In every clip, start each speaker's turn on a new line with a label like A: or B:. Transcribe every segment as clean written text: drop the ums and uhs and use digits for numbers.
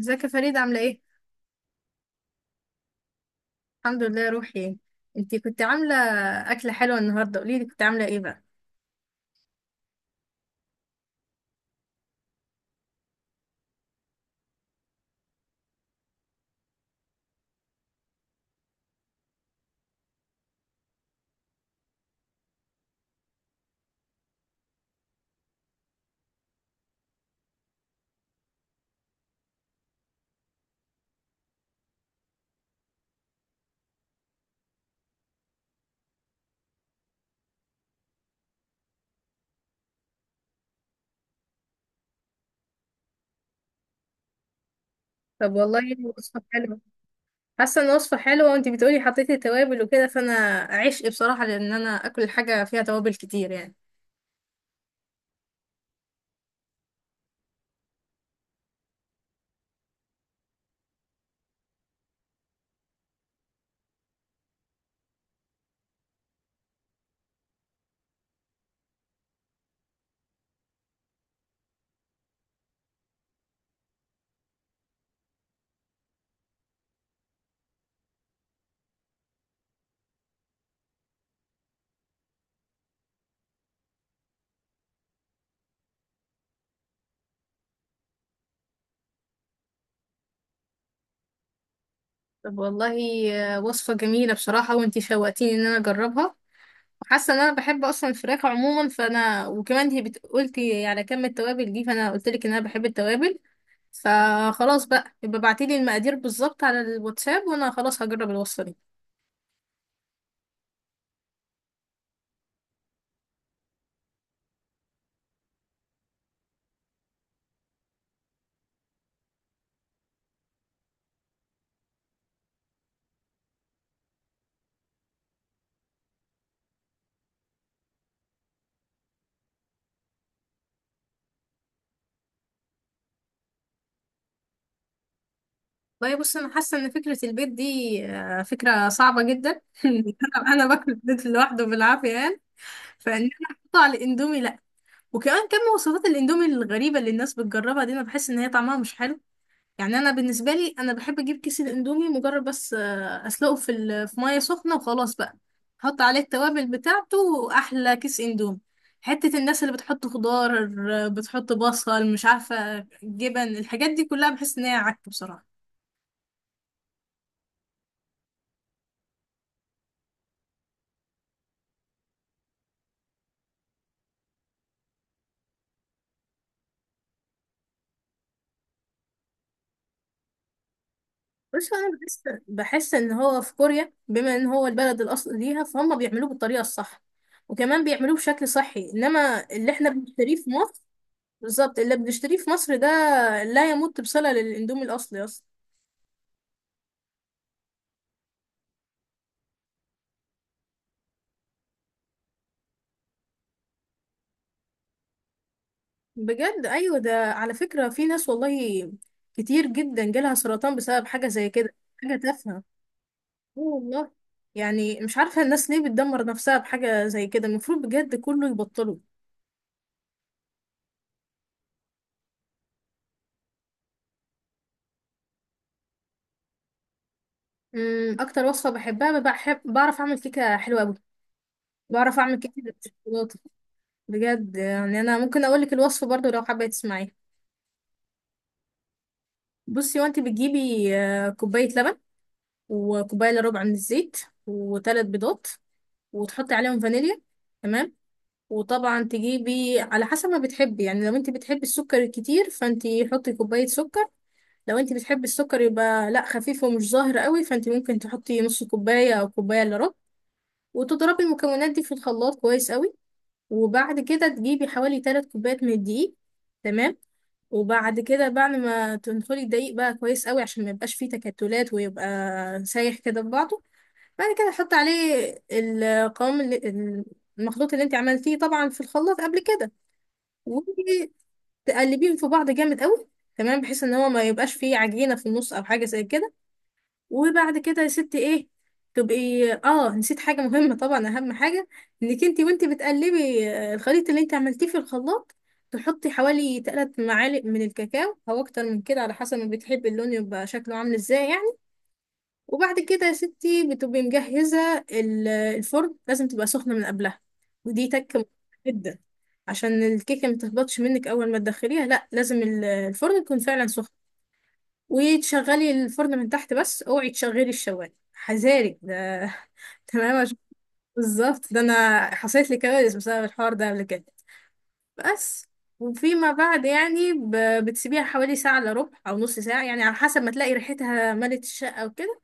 A: ازيك يا فريدة؟ عاملة ايه؟ الحمد لله يا روحي. انتي كنت عاملة أكلة حلوة النهاردة، قوليلي كنت عاملة ايه بقى؟ طب والله، وصفة حلوة. حاسة ان وصفة حلوة، وانتي بتقولي حطيتي توابل وكده، فانا عشق بصراحة، لان انا اكل حاجة فيها توابل كتير يعني. طب والله، وصفة جميلة بصراحة، وانتي شوقتيني ان انا اجربها. وحاسة ان انا بحب اصلا الفراخ عموما، فانا وكمان انتي قلتي على كم التوابل دي، فانا قلتلك ان انا بحب التوابل. فخلاص بقى، يبقى ابعتيلي المقادير بالظبط على الواتساب، وانا خلاص هجرب الوصفة دي. والله بص، انا حاسه ان فكره البيت دي فكره صعبه جدا. انا باكل البيض لوحده بالعافيه يعني، فان انا احطه على الاندومي؟ لا. وكمان كم وصفات الاندومي الغريبه اللي الناس بتجربها دي، انا بحس ان هي طعمها مش حلو. يعني انا بالنسبه لي، انا بحب اجيب كيس الاندومي مجرد بس، اسلقه في في ميه سخنه، وخلاص بقى احط عليه التوابل بتاعته، واحلى كيس اندومي. حته الناس اللي بتحط خضار، بتحط بصل، مش عارفه جبن، الحاجات دي كلها بحس ان هي عك بصراحه. بس انا بحس ان هو في كوريا، بما ان هو البلد الاصل ليها، فهم بيعملوه بالطريقه الصح، وكمان بيعملوه بشكل صحي. انما اللي احنا بنشتريه في مصر، بالظبط اللي بنشتريه في مصر ده، لا يمت بصله للاندومي الاصلي اصلا. بجد. ايوه، ده على فكره في ناس والله كتير جدا جالها سرطان بسبب حاجه زي كده. حاجه تافهه. اه والله. يعني مش عارفه الناس ليه بتدمر نفسها بحاجه زي كده، المفروض بجد كله يبطله. اكتر وصفه بحبها، بحب، بعرف اعمل كيكه حلوه قوي. بعرف اعمل كتير بالشوكولاته. بجد. يعني انا ممكن اقول لك الوصفه برضو لو حابه تسمعيها. بصي، وانت بتجيبي كوبايه لبن، وكوبايه الا ربع من الزيت، وثلاث بيضات، وتحطي عليهم فانيليا، تمام؟ وطبعا تجيبي على حسب ما بتحبي، يعني لو انت بتحبي السكر الكتير، فانت حطي كوبايه سكر. لو انت بتحبي السكر يبقى لا، خفيف ومش ظاهر قوي، فانت ممكن تحطي نص كوبايه او كوبايه الا ربع. وتضربي المكونات دي في الخلاط كويس قوي. وبعد كده تجيبي حوالي 3 كوبايات من الدقيق، تمام؟ وبعد كده، بعد ما تنخلي الدقيق بقى كويس قوي عشان ما يبقاش فيه تكتلات ويبقى سايح كده في بعضه، بعد كده حط عليه القوام اللي، المخلوط اللي انت عملتيه طبعا في الخلاط قبل كده، وتقلبيهم في بعض جامد قوي، تمام؟ بحيث ان هو ما يبقاش فيه عجينة في النص او حاجة زي كده. وبعد كده يا ستي ايه، تبقي نسيت حاجة مهمة طبعا، اهم حاجة انك انتي، وانتي بتقلبي الخليط اللي انتي عملتيه في الخلاط، تحطي حوالي 3 معالق من الكاكاو او اكتر من كده، على حسب ما بتحبي اللون يبقى شكله عامل ازاي يعني. وبعد كده يا ستي، بتبقي مجهزة الفرن، لازم تبقى سخنة من قبلها، ودي تك مهمة جدا، عشان الكيكة ما تهبطش منك اول ما تدخليها. لا، لازم الفرن يكون فعلا سخن. وتشغلي الفرن من تحت بس، اوعي تشغلي الشوايه، حذارك ده! تمام، بالظبط، ده انا حصلت لي كوارث بسبب الحوار ده قبل كده. بس وفيما بعد يعني بتسيبيها حوالي ساعة إلا ربع أو نص ساعة، يعني على حسب ما تلاقي ريحتها ملت الشقة وكده.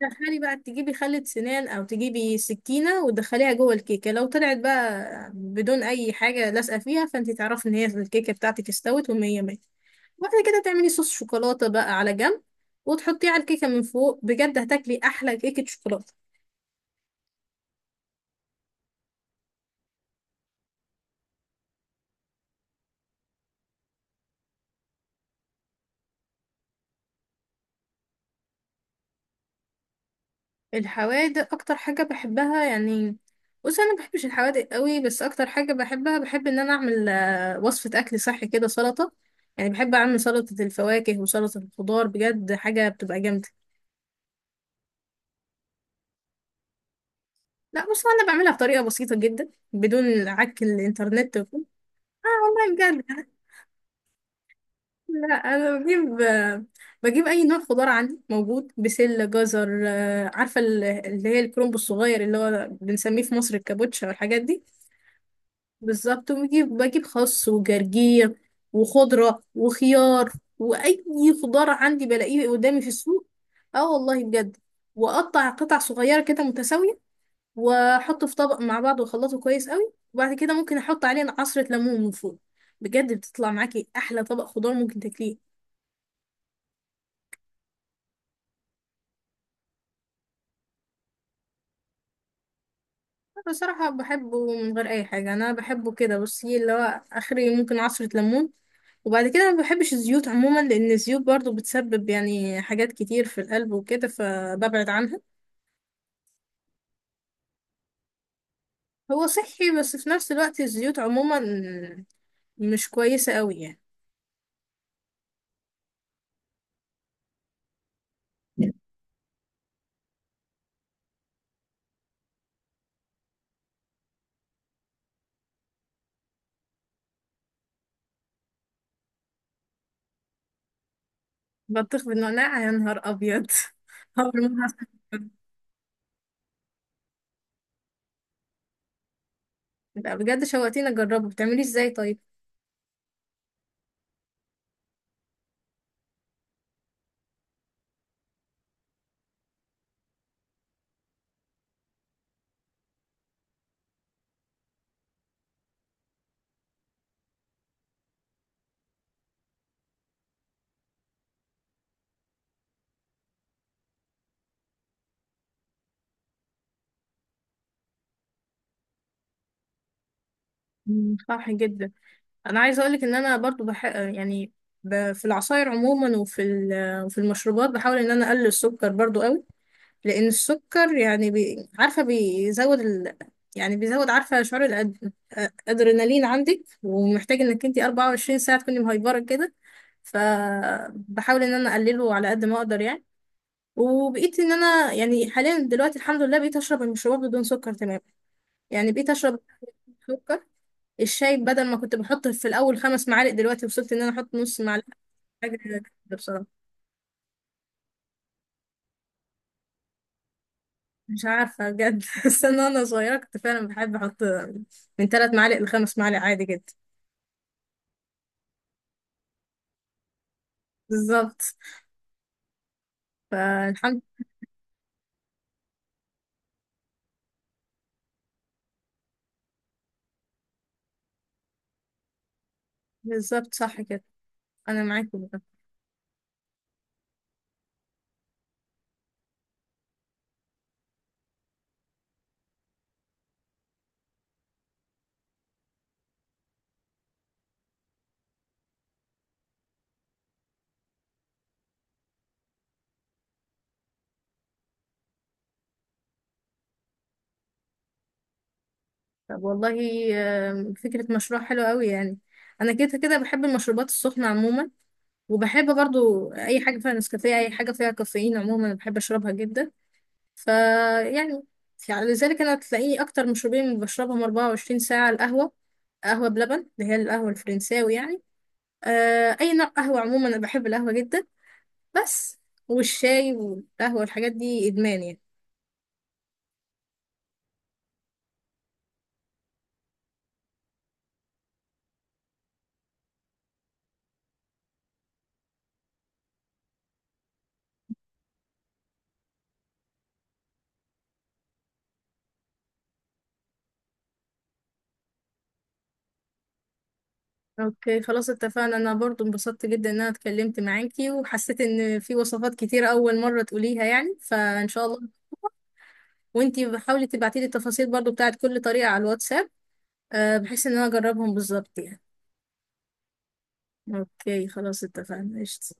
A: تدخلي بقى تجيبي خلة سنان أو تجيبي سكينة وتدخليها جوه الكيكة، لو طلعت بقى بدون أي حاجة لازقة فيها، فأنت تعرفي إن هي الكيكة بتاعتك استوت ومية مية. بعد كده تعملي صوص شوكولاتة بقى على جنب، وتحطيه على الكيكة من فوق، بجد هتاكلي أحلى كيكة شوكولاتة. الحوادق أكتر حاجة بحبها يعني. بص أنا مبحبش الحوادق قوي، بس أكتر حاجة بحبها، بحب إن أنا أعمل وصفة أكل صحي كده، سلطة. يعني بحب أعمل سلطة الفواكه وسلطة الخضار، بجد حاجة بتبقى جامدة. لا بص، أنا بعملها بطريقة بسيطة جدا، بدون عك الإنترنت وكده. آه والله بجد. لا، انا بجيب اي نوع خضار عندي موجود، بسله، جزر، عارفه اللي هي الكرنب الصغير اللي هو بنسميه في مصر الكابوتشا والحاجات دي. بالظبط. وبجيب، بجيب خس وجرجير وخضره وخيار، واي خضار عندي بلاقيه قدامي في السوق. اه والله بجد. واقطع قطع صغيره كده متساويه، واحطه في طبق مع بعض، واخلطه كويس قوي، وبعد كده ممكن احط عليه عصره ليمون من فوق. بجد بتطلع معاكي احلى طبق خضار ممكن تاكليه. بصراحة بحبه من غير أي حاجة، أنا بحبه كده. بصي، اللي هو آخري ممكن عصرة ليمون، وبعد كده ما بحبش الزيوت عموما، لأن الزيوت برضو بتسبب يعني حاجات كتير في القلب وكده، فببعد عنها. هو صحي، بس في نفس الوقت الزيوت عموما مش كويسة قوي يعني. بطيخ بالنعناع؟ يا نهار أبيض! هبل. لا بجد، شوقتيني أجربه، بتعمليه ازاي طيب؟ مم، صح جدا. انا عايزه اقولك ان انا برضو يعني في العصاير عموما، وفي وفي المشروبات، بحاول ان انا اقلل السكر برضو قوي. لان السكر يعني عارفه بيزود يعني بيزود عارفه شعور الادرينالين عندك، ومحتاج انك انت 24 ساعه تكوني مهيبره كده، فبحاول ان انا اقلله على قد ما اقدر يعني. وبقيت ان انا يعني حاليا دلوقتي الحمد لله، بقيت اشرب المشروبات بدون سكر تماما. يعني بقيت اشرب الشاي، بدل ما كنت بحط في الاول 5 معالق، دلوقتي وصلت ان انا احط نص معلقه، حاجه كده، بصراحه. مش عارفه بجد. بس انا وانا صغيره كنت فعلا بحب احط من 3 معالق لخمس معالق، عادي جدا. بالظبط، فالحمد. بالظبط، صح كده، انا معاكم بقى. طب والله، فكره مشروع حلو قوي يعني. انا كده كده بحب المشروبات السخنه عموما، وبحب برضو اي حاجه فيها نسكافيه، اي حاجه فيها كافيين عموما بحب اشربها جدا. فيعني لذلك انا تلاقيني اكتر مشروبين اللي بشربهم 24 ساعه، القهوه، قهوه بلبن، اللي هي القهوه الفرنساوي يعني. آه، اي نوع قهوه عموما انا بحب القهوه جدا. بس والشاي والقهوه والحاجات دي ادمان يعني. اوكي خلاص اتفقنا، انا برضو انبسطت جدا ان انا اتكلمت معاكي، وحسيت ان في وصفات كتير اول مره تقوليها يعني، فان شاء الله. وانتي حاولي تبعتيلي التفاصيل برضو بتاعت كل طريقه على الواتساب، آه، بحيث ان انا اجربهم بالظبط يعني. اوكي خلاص اتفقنا، قشطة.